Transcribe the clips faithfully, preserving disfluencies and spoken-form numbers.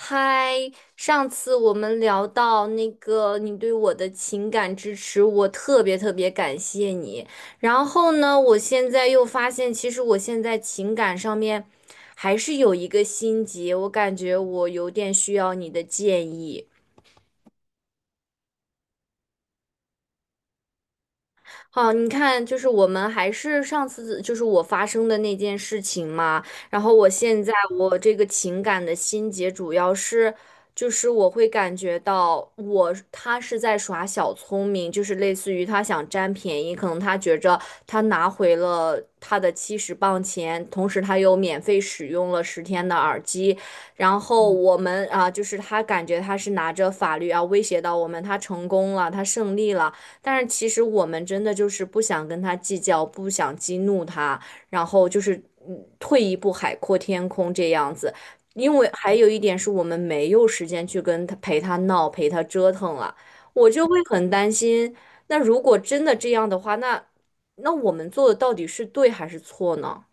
嗨，上次我们聊到那个你对我的情感支持，我特别特别感谢你。然后呢，我现在又发现，其实我现在情感上面还是有一个心结，我感觉我有点需要你的建议。好，你看，就是我们还是上次就是我发生的那件事情嘛，然后我现在我这个情感的心结主要是，就是我会感觉到我他是在耍小聪明，就是类似于他想占便宜，可能他觉着他拿回了他的七十磅钱，同时他又免费使用了十天的耳机，然后我们啊，就是他感觉他是拿着法律啊威胁到我们，他成功了，他胜利了。但是其实我们真的就是不想跟他计较，不想激怒他，然后就是嗯退一步海阔天空这样子。因为还有一点是我们没有时间去跟他陪他闹、陪他折腾了，我就会很担心。那如果真的这样的话，那那我们做的到底是对还是错呢？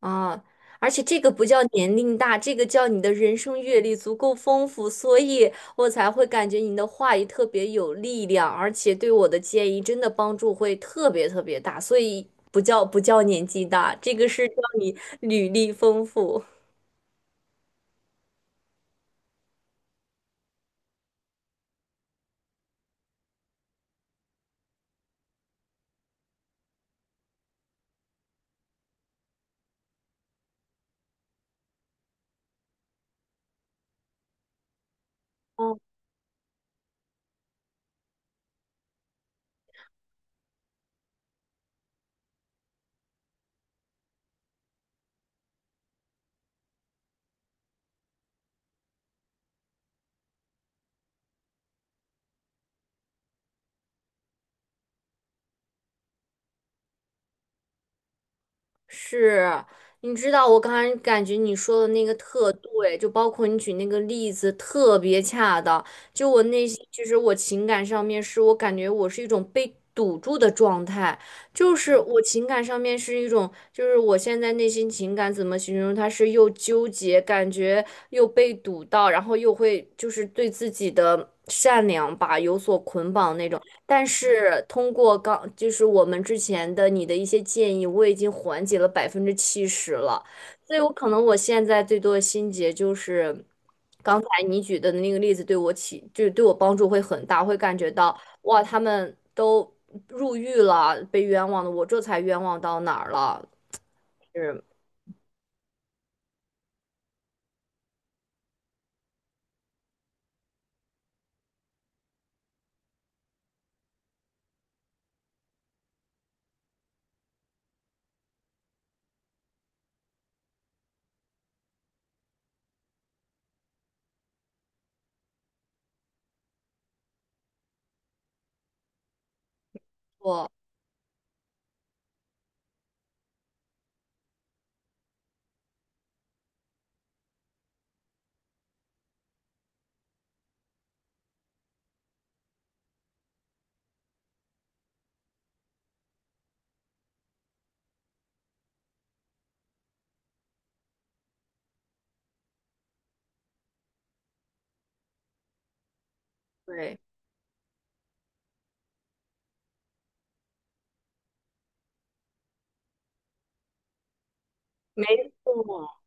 啊，而且这个不叫年龄大，这个叫你的人生阅历足够丰富，所以我才会感觉你的话语特别有力量，而且对我的建议真的帮助会特别特别大，所以不叫不叫年纪大，这个是叫你履历丰富。是，你知道我刚才感觉你说的那个特对，就包括你举那个例子特别恰当。就我内心，其实我情感上面是我感觉我是一种被堵住的状态，就是我情感上面是一种，就是我现在内心情感怎么形容？它是又纠结，感觉又被堵到，然后又会就是对自己的善良吧有所捆绑那种。但是通过刚就是我们之前的你的一些建议，我已经缓解了百分之七十了，所以我可能我现在最多的心结就是刚才你举的那个例子对我起就是对我帮助会很大，会感觉到哇，他们都入狱了，被冤枉的，我这才冤枉到哪儿了？是，我对，没错，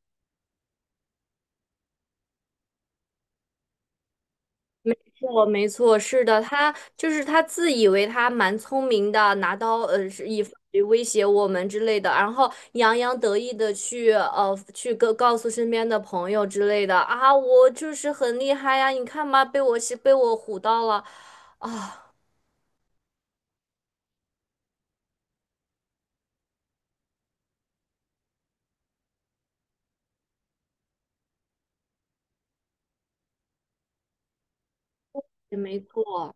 我没错，是的，他就是他自以为他蛮聪明的，拿刀呃是以法律威胁我们之类的，然后洋洋得意的去呃去告告诉身边的朋友之类的啊，我就是很厉害呀，你看吧，被我是被我唬到了，也没错。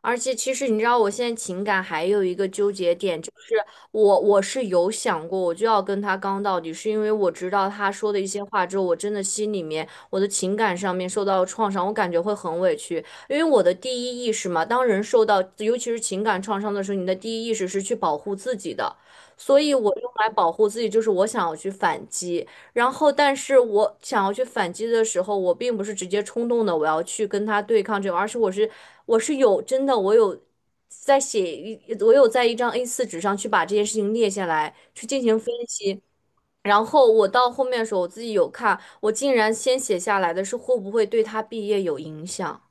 而且其实你知道，我现在情感还有一个纠结点，就是我我是有想过，我就要跟他刚到底，是因为我知道他说的一些话之后，我真的心里面我的情感上面受到了创伤，我感觉会很委屈，因为我的第一意识嘛，当人受到尤其是情感创伤的时候，你的第一意识是去保护自己的，所以我用来保护自己就是我想要去反击。然后，但是我想要去反击的时候，我并不是直接冲动的，我要去跟他对抗这种，而是我是我是有真的，我有在写一，我有在一张 a 四纸上去把这件事情列下来，去进行分析。然后我到后面的时候，我自己有看，我竟然先写下来的是会不会对他毕业有影响。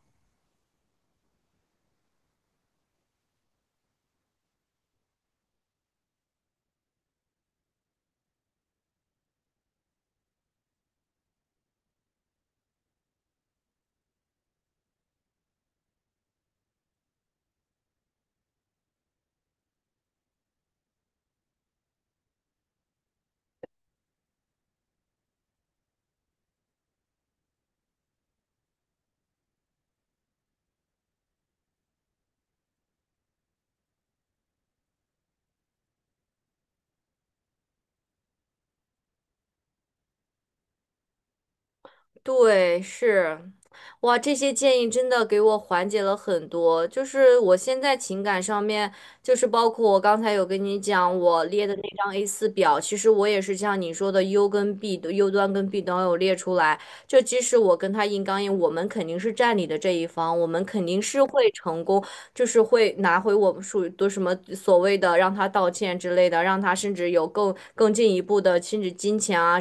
对，是，哇，这些建议真的给我缓解了很多。就是我现在情感上面，就是包括我刚才有跟你讲我列的那张 a 四表，其实我也是像你说的 U 跟 B 的 U 端跟 B 端有列出来。就即使我跟他硬刚硬，我们肯定是占理的这一方，我们肯定是会成功，就是会拿回我们属于的什么所谓的的，的的。让让他他道歉之之类类甚至有更更进一步金钱啊，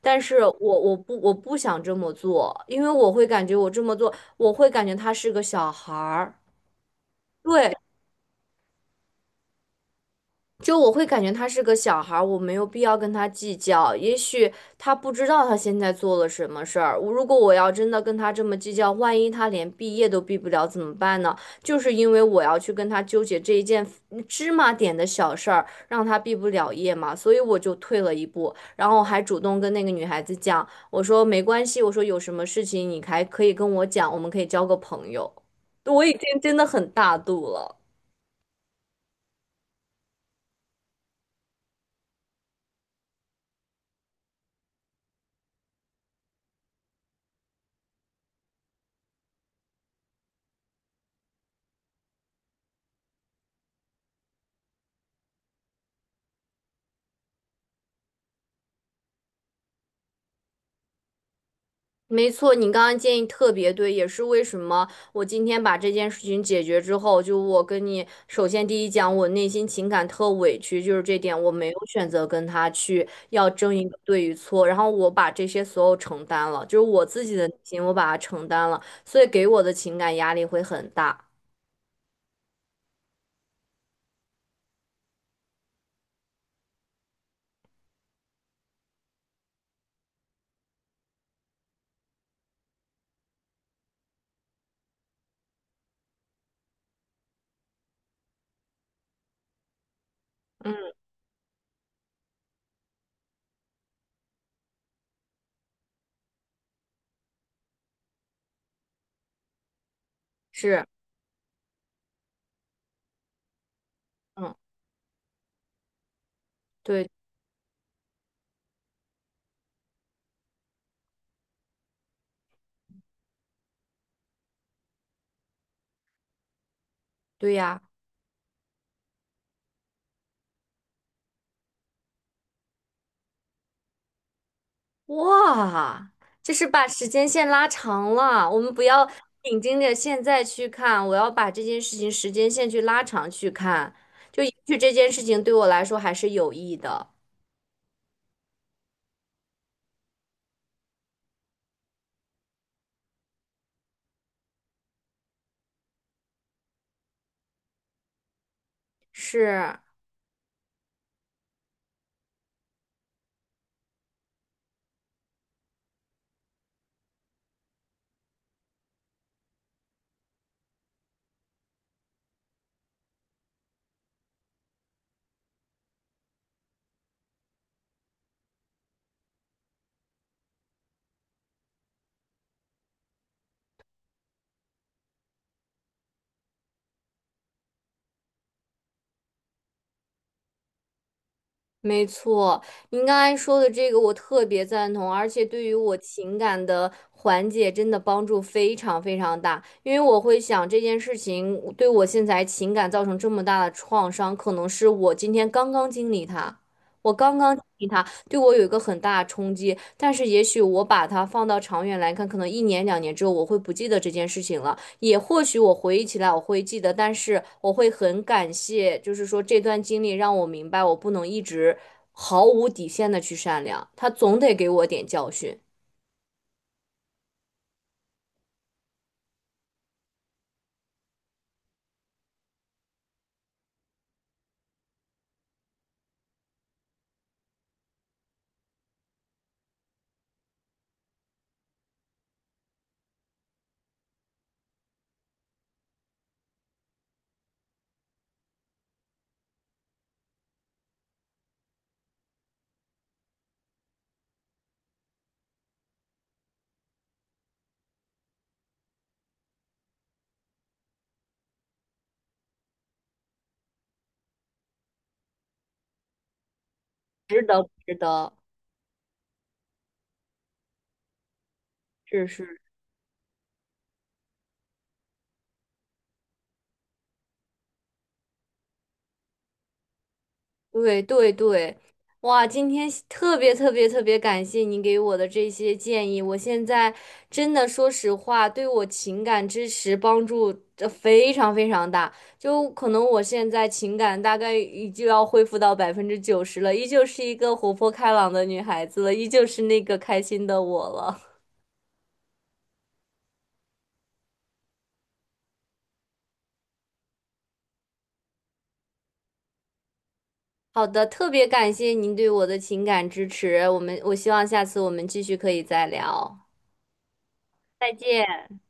但是我我不我不想这么做，因为我会感觉我这么做，我会感觉他是个小孩儿。对，就我会感觉他是个小孩儿，我没有必要跟他计较。也许他不知道他现在做了什么事儿。我如果我要真的跟他这么计较，万一他连毕业都毕不了怎么办呢？就是因为我要去跟他纠结这一件嗯芝麻点的小事儿，让他毕不了业嘛，所以我就退了一步，然后还主动跟那个女孩子讲，我说没关系，我说有什么事情你还可以跟我讲，我们可以交个朋友。我已经真的很大度了。没错，你刚刚建议特别对，也是为什么我今天把这件事情解决之后，就我跟你首先第一讲，我内心情感特委屈，就是这点我没有选择跟他去要争一个对与错，然后我把这些所有承担了，就是我自己的内心我把它承担了，所以给我的情感压力会很大。嗯，是，嗯，对对呀。哇，就是把时间线拉长了。我们不要紧盯着现在去看，我要把这件事情时间线去拉长去看，就也许这件事情对我来说还是有益的。是。没错，您刚才说的这个我特别赞同，而且对于我情感的缓解真的帮助非常非常大。因为我会想这件事情对我现在情感造成这么大的创伤，可能是我今天刚刚经历它，我刚刚经历它对我有一个很大的冲击。但是也许我把它放到长远来看，可能一年两年之后我会不记得这件事情了。也或许我回忆起来我会记得，但是我会很感谢，就是说这段经历让我明白，我不能一直毫无底线的去善良，他总得给我点教训，值得不值得？是是。对对对，哇！今天特别特别特别感谢您给我的这些建议，我现在真的说实话，对我情感支持帮助呃非常非常大。就可能我现在情感大概已经要恢复到百分之九十了，依旧是一个活泼开朗的女孩子了，依旧是那个开心的我了。好的，特别感谢您对我的情感支持，我们我希望下次我们继续可以再聊，再见。